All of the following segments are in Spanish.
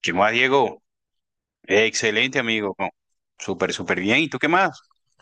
¿Qué más, Diego? Excelente, amigo. No, Súper bien. ¿Y tú qué más?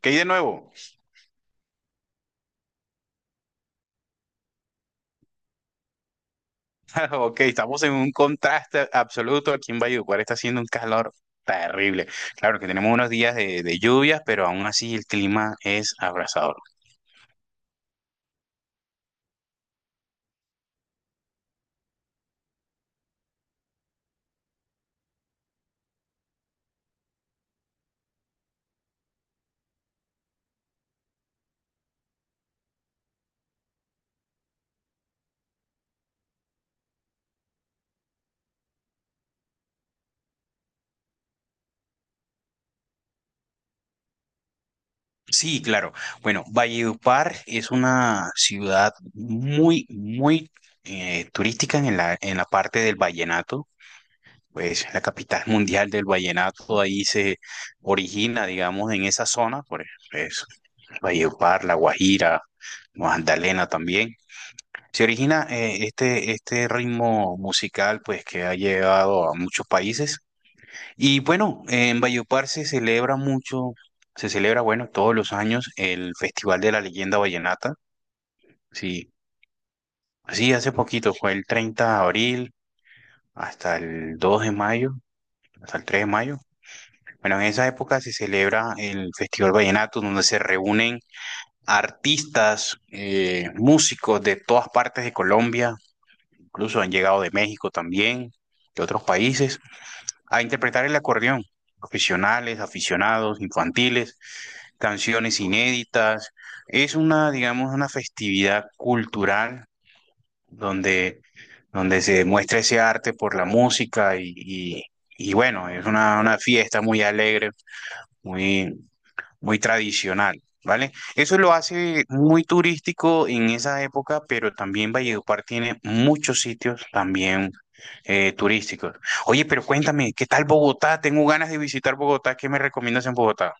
¿Qué hay de nuevo? Ok, estamos en un contraste absoluto aquí en Valledupar. Está haciendo un calor terrible. Claro que tenemos unos días de lluvias, pero aún así el clima es abrasador. Sí, claro. Bueno, Valledupar es una ciudad muy, muy turística en la parte del vallenato. Pues la capital mundial del vallenato ahí se origina, digamos, en esa zona, por eso. Valledupar, La Guajira, Magdalena también. Se origina este ritmo musical pues que ha llegado a muchos países. Y bueno, en Valledupar se celebra mucho, se celebra bueno todos los años el Festival de la Leyenda Vallenata. Sí, sí, hace poquito fue el 30 de abril hasta el 2 de mayo, hasta el 3 de mayo. Bueno, en esa época se celebra el Festival Vallenato, donde se reúnen artistas, músicos de todas partes de Colombia, incluso han llegado de México también, de otros países, a interpretar el acordeón, profesionales, aficionados, infantiles, canciones inéditas. Es una, digamos, una festividad cultural donde, donde se muestra ese arte por la música y bueno, es una fiesta muy alegre, muy, muy tradicional, ¿vale? Eso lo hace muy turístico en esa época, pero también Valledupar tiene muchos sitios también turísticos. Oye, pero cuéntame, ¿qué tal Bogotá? Tengo ganas de visitar Bogotá. ¿Qué me recomiendas en Bogotá?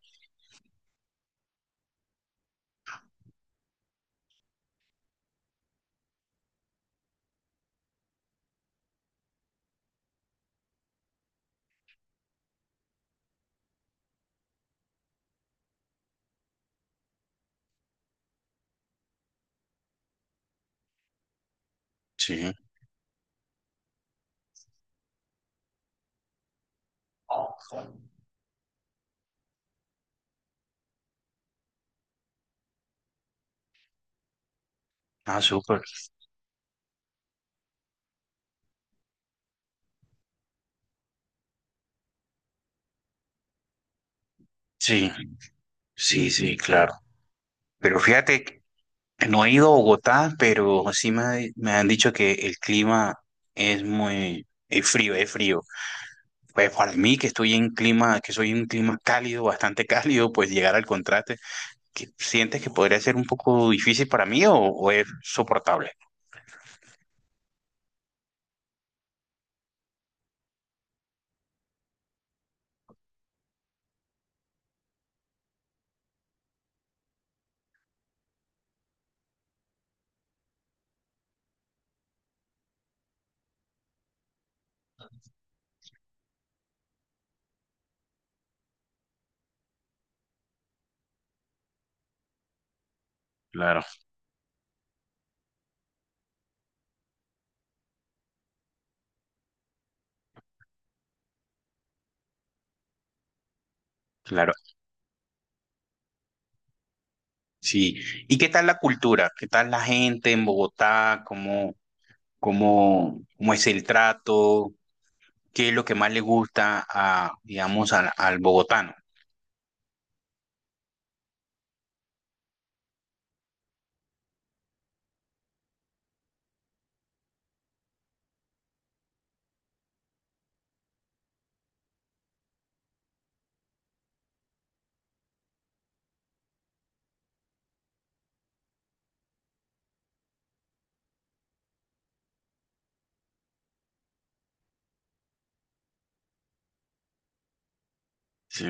Sí, ah, súper. Sí, sí, sí, claro. Pero fíjate, que no he ido a Bogotá, pero sí me han dicho que el clima es muy es frío, es frío. Pues para mí, que estoy en clima, que soy un clima cálido, bastante cálido, pues llegar al contraste, que ¿sientes que podría ser un poco difícil para mí o es soportable? Claro, claro. Sí. ¿Y qué tal la cultura? ¿Qué tal la gente en Bogotá? ¿Cómo, cómo, cómo es el trato? ¿Qué es lo que más le gusta a, digamos, al bogotano? Sí,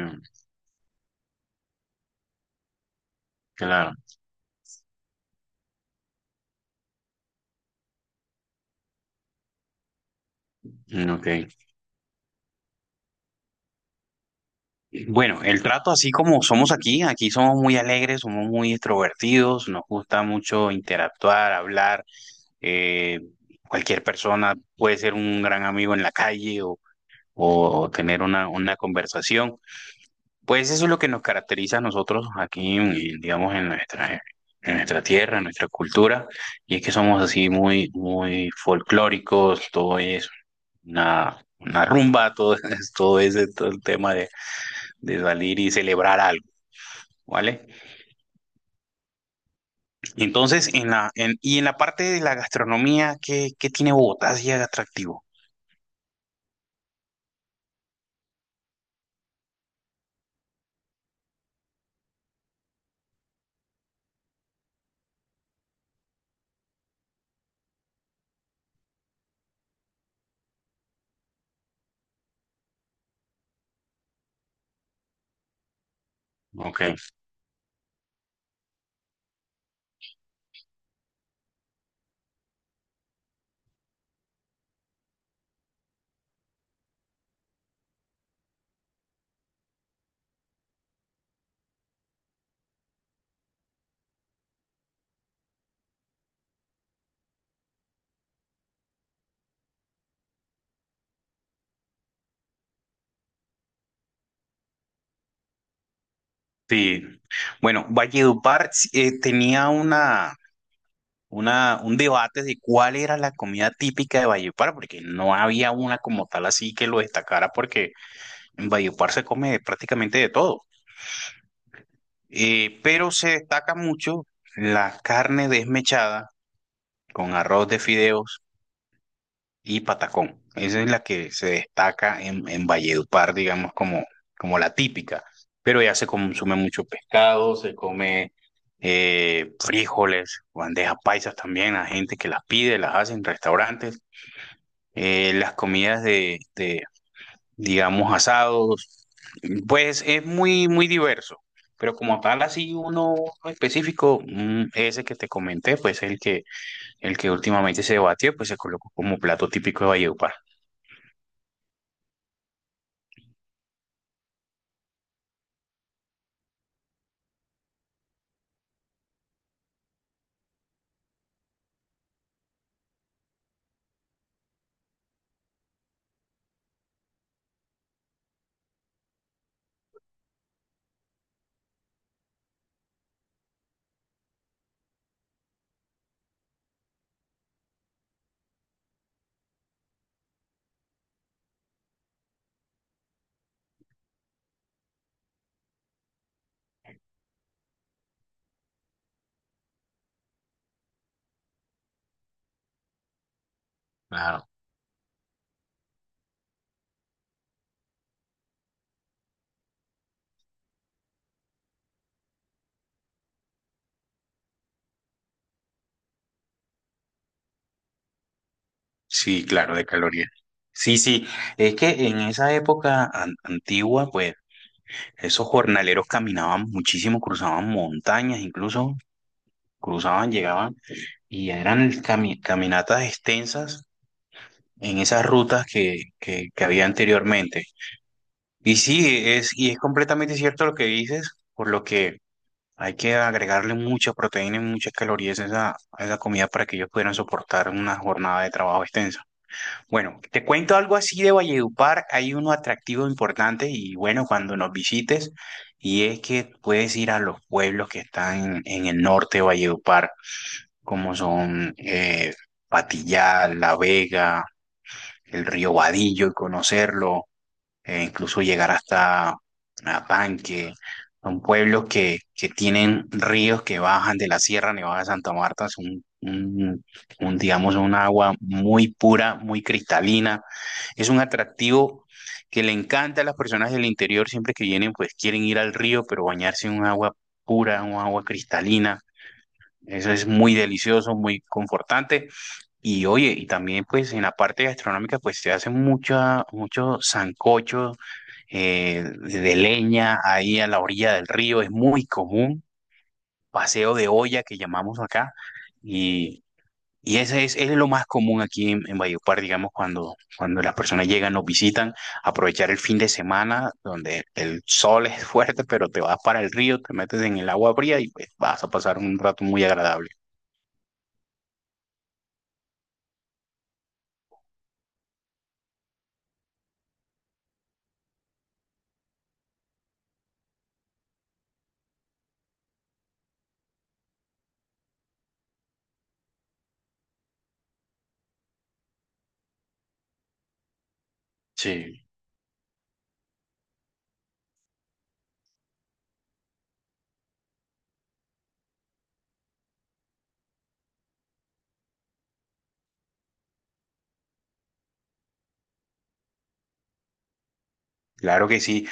claro. Mm, Ok. Bueno, el trato así como somos aquí, aquí somos muy alegres, somos muy extrovertidos, nos gusta mucho interactuar, hablar. eh, Cualquier persona puede ser un gran amigo en la calle o tener una conversación. Pues eso es lo que nos caracteriza a nosotros digamos, en nuestra tierra, en nuestra cultura, y es que somos así muy, muy folclóricos, todo es una rumba, todo es el tema de salir y celebrar algo. ¿Vale? Entonces, en y en la parte de la gastronomía, ¿qué, qué tiene Bogotá así de atractivo? Ok, sí. Bueno, Valledupar sí, tenía una, un debate de cuál era la comida típica de Valledupar, porque no había una como tal así que lo destacara, porque en Valledupar se come prácticamente de todo. Pero se destaca mucho la carne desmechada con arroz de fideo y Patacón. Esa es la que se destaca en Valledupar, digamos, como, como la típica. Pero ya se consume mucho pescado, se come frijoles, bandejas paisas también, a gente que las pide, las hace en restaurantes. Las comidas de digamos, asados, pues es muy, muy diverso. Pero como tal, así uno específico, mm, ese que te comenté, pues el que últimamente se debatió, pues se colocó como plato típico de Valledupar. Claro. Sí, claro, de calorías. Sí, sí, es que en esa época antigua, pues esos jornaleros caminaban muchísimo, cruzaban montañas, incluso cruzaban, llegaban y eran caminatas extensas en esas rutas que había anteriormente. Y sí, es, y es completamente cierto lo que dices, por lo que hay que agregarle mucha proteína y muchas calorías a esa comida para que ellos pudieran soportar una jornada de trabajo extensa. Bueno, te cuento algo así de Valledupar. Hay uno atractivo importante y bueno, cuando nos visites, y es que puedes ir a los pueblos que están en, el norte de Valledupar, como son Patillá, La Vega, el río Vadillo y conocerlo incluso llegar hasta Apanque, son pueblos que tienen ríos que bajan de la Sierra Nevada de Santa Marta, es un, digamos, un agua muy pura, muy cristalina, es un atractivo que le encanta a las personas del interior, siempre que vienen, pues quieren ir al río, pero bañarse en un agua pura, un agua cristalina, eso es muy delicioso, muy confortante. Y oye, y también pues en la parte gastronómica pues se hacen mucha, muchos sancochos de leña ahí a la orilla del río, es muy común, paseo de olla que llamamos acá, y, y ese es lo más común aquí en Valledupar, digamos, cuando, cuando las personas llegan, nos visitan, aprovechar el fin de semana donde el sol es fuerte, pero te vas para el río, te metes en el agua fría y pues vas a pasar un rato muy agradable. Sí, claro que sí.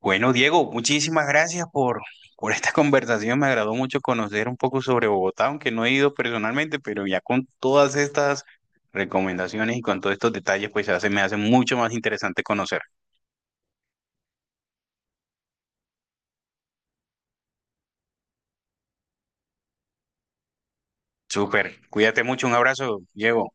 Bueno, Diego, muchísimas gracias por esta conversación. Me agradó mucho conocer un poco sobre Bogotá, aunque no he ido personalmente, pero ya con todas estas recomendaciones y con todos estos detalles, pues se hace, me hace mucho más interesante conocer. Súper, cuídate mucho, un abrazo, Diego.